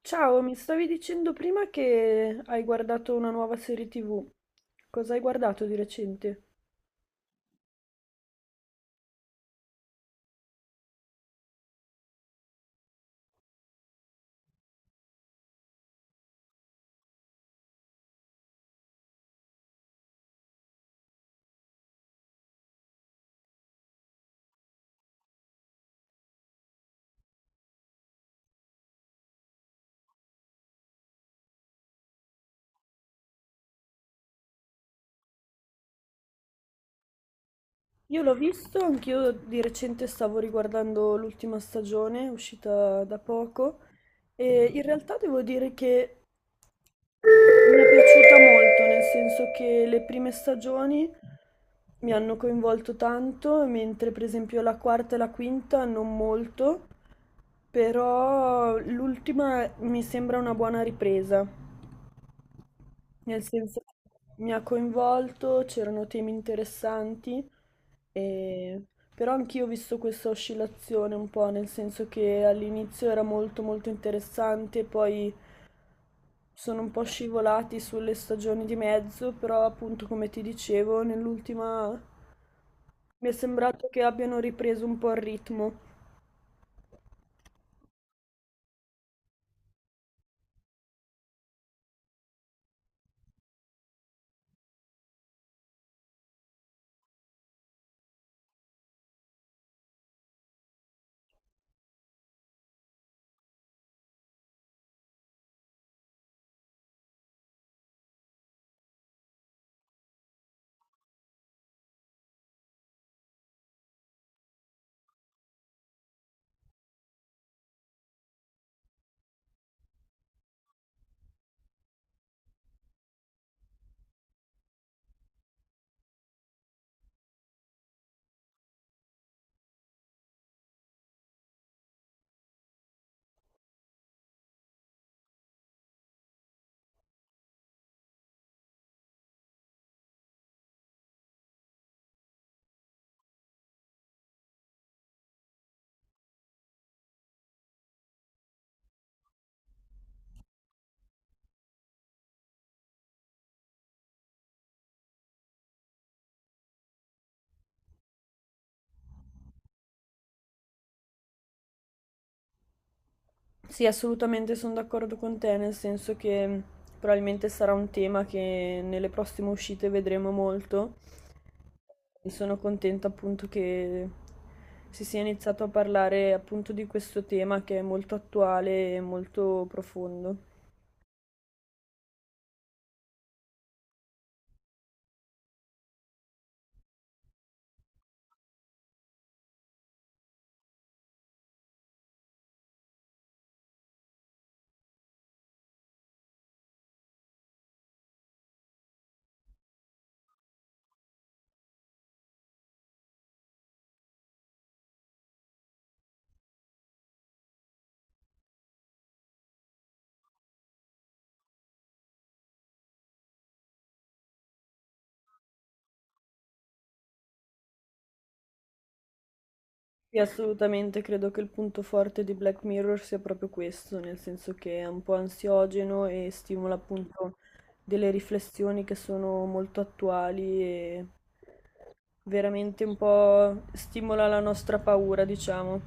Ciao, mi stavi dicendo prima che hai guardato una nuova serie TV. Cosa hai guardato di recente? Io l'ho visto, anch'io di recente stavo riguardando l'ultima stagione, uscita da poco, e in realtà devo dire che mi è piaciuta molto, nel senso che le prime stagioni mi hanno coinvolto tanto, mentre per esempio la quarta e la quinta non molto, però l'ultima mi sembra una buona ripresa. Nel senso che mi ha coinvolto, c'erano temi interessanti, e- però anch'io ho visto questa oscillazione un po', nel senso che all'inizio era molto molto interessante, poi sono un po' scivolati sulle stagioni di mezzo, però appunto come ti dicevo, nell'ultima mi è sembrato che abbiano ripreso un po' il ritmo. Sì, assolutamente sono d'accordo con te, nel senso che probabilmente sarà un tema che nelle prossime uscite vedremo molto. E sono contenta appunto che si sia iniziato a parlare appunto di questo tema che è molto attuale e molto profondo. Sì, assolutamente credo che il punto forte di Black Mirror sia proprio questo, nel senso che è un po' ansiogeno e stimola appunto delle riflessioni che sono molto attuali e veramente un po' stimola la nostra paura, diciamo.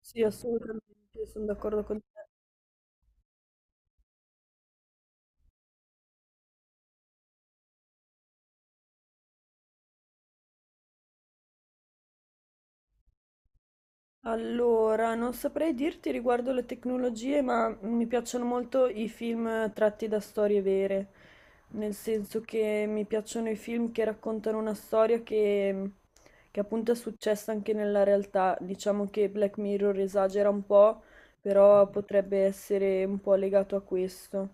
Sì, assolutamente, sono d'accordo con te. Allora, non saprei dirti riguardo le tecnologie, ma mi piacciono molto i film tratti da storie vere, nel senso che mi piacciono i film che raccontano una storia che appunto è successa anche nella realtà. Diciamo che Black Mirror esagera un po', però potrebbe essere un po' legato a questo.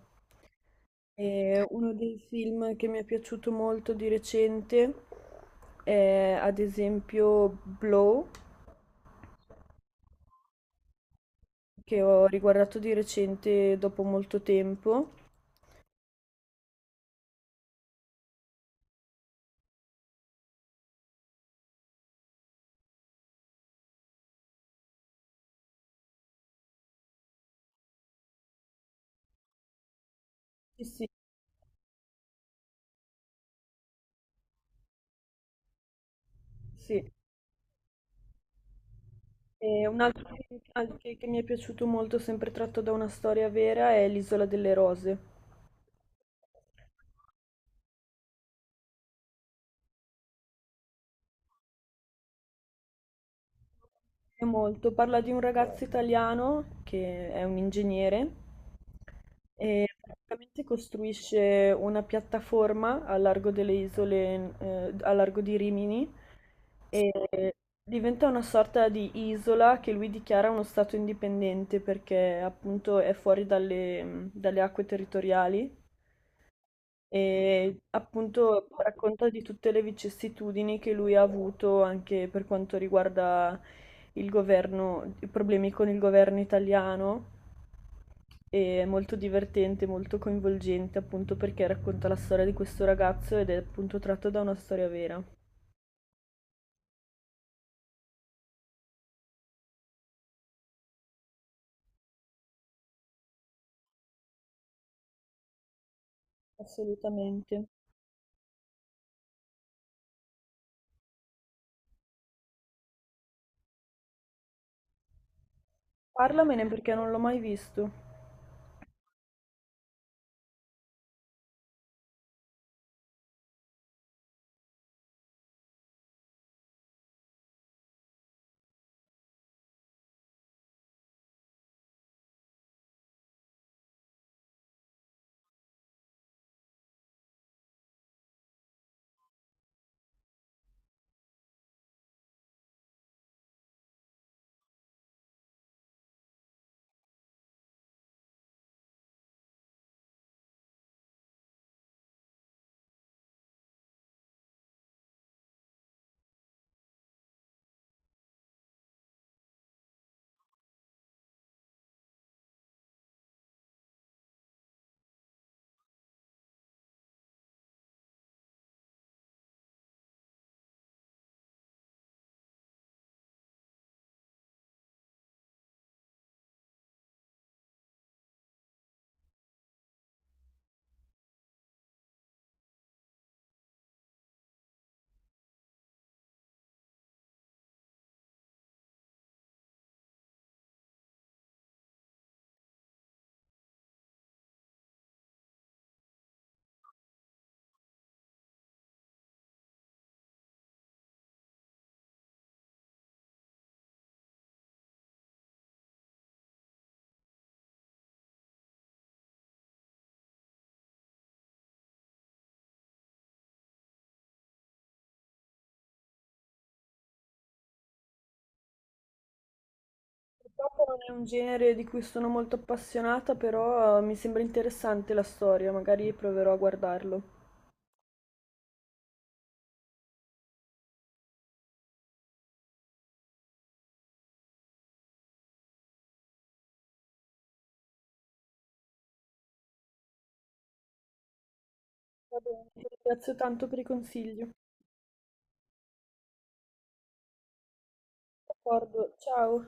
E uno dei film che mi è piaciuto molto di recente è ad esempio Blow, che ho riguardato di recente dopo molto tempo. Sì, sì, sì. E un altro film anche che mi è piaciuto molto, sempre tratto da una storia vera, è L'Isola delle Rose. Molto. Parla di un ragazzo italiano che è un ingegnere e praticamente costruisce una piattaforma a largo delle isole, a largo di Rimini, e diventa una sorta di isola che lui dichiara uno stato indipendente perché appunto è fuori dalle acque territoriali. E appunto racconta di tutte le vicissitudini che lui ha avuto anche per quanto riguarda il governo, i problemi con il governo italiano. È molto divertente, molto coinvolgente, appunto perché racconta la storia di questo ragazzo ed è appunto tratto da una storia vera. Assolutamente. Parlamene perché non l'ho mai visto. Purtroppo non è un genere di cui sono molto appassionata, però mi sembra interessante la storia, magari proverò a guardarlo. Va bene, ti ringrazio tanto per i consigli. D'accordo, ciao.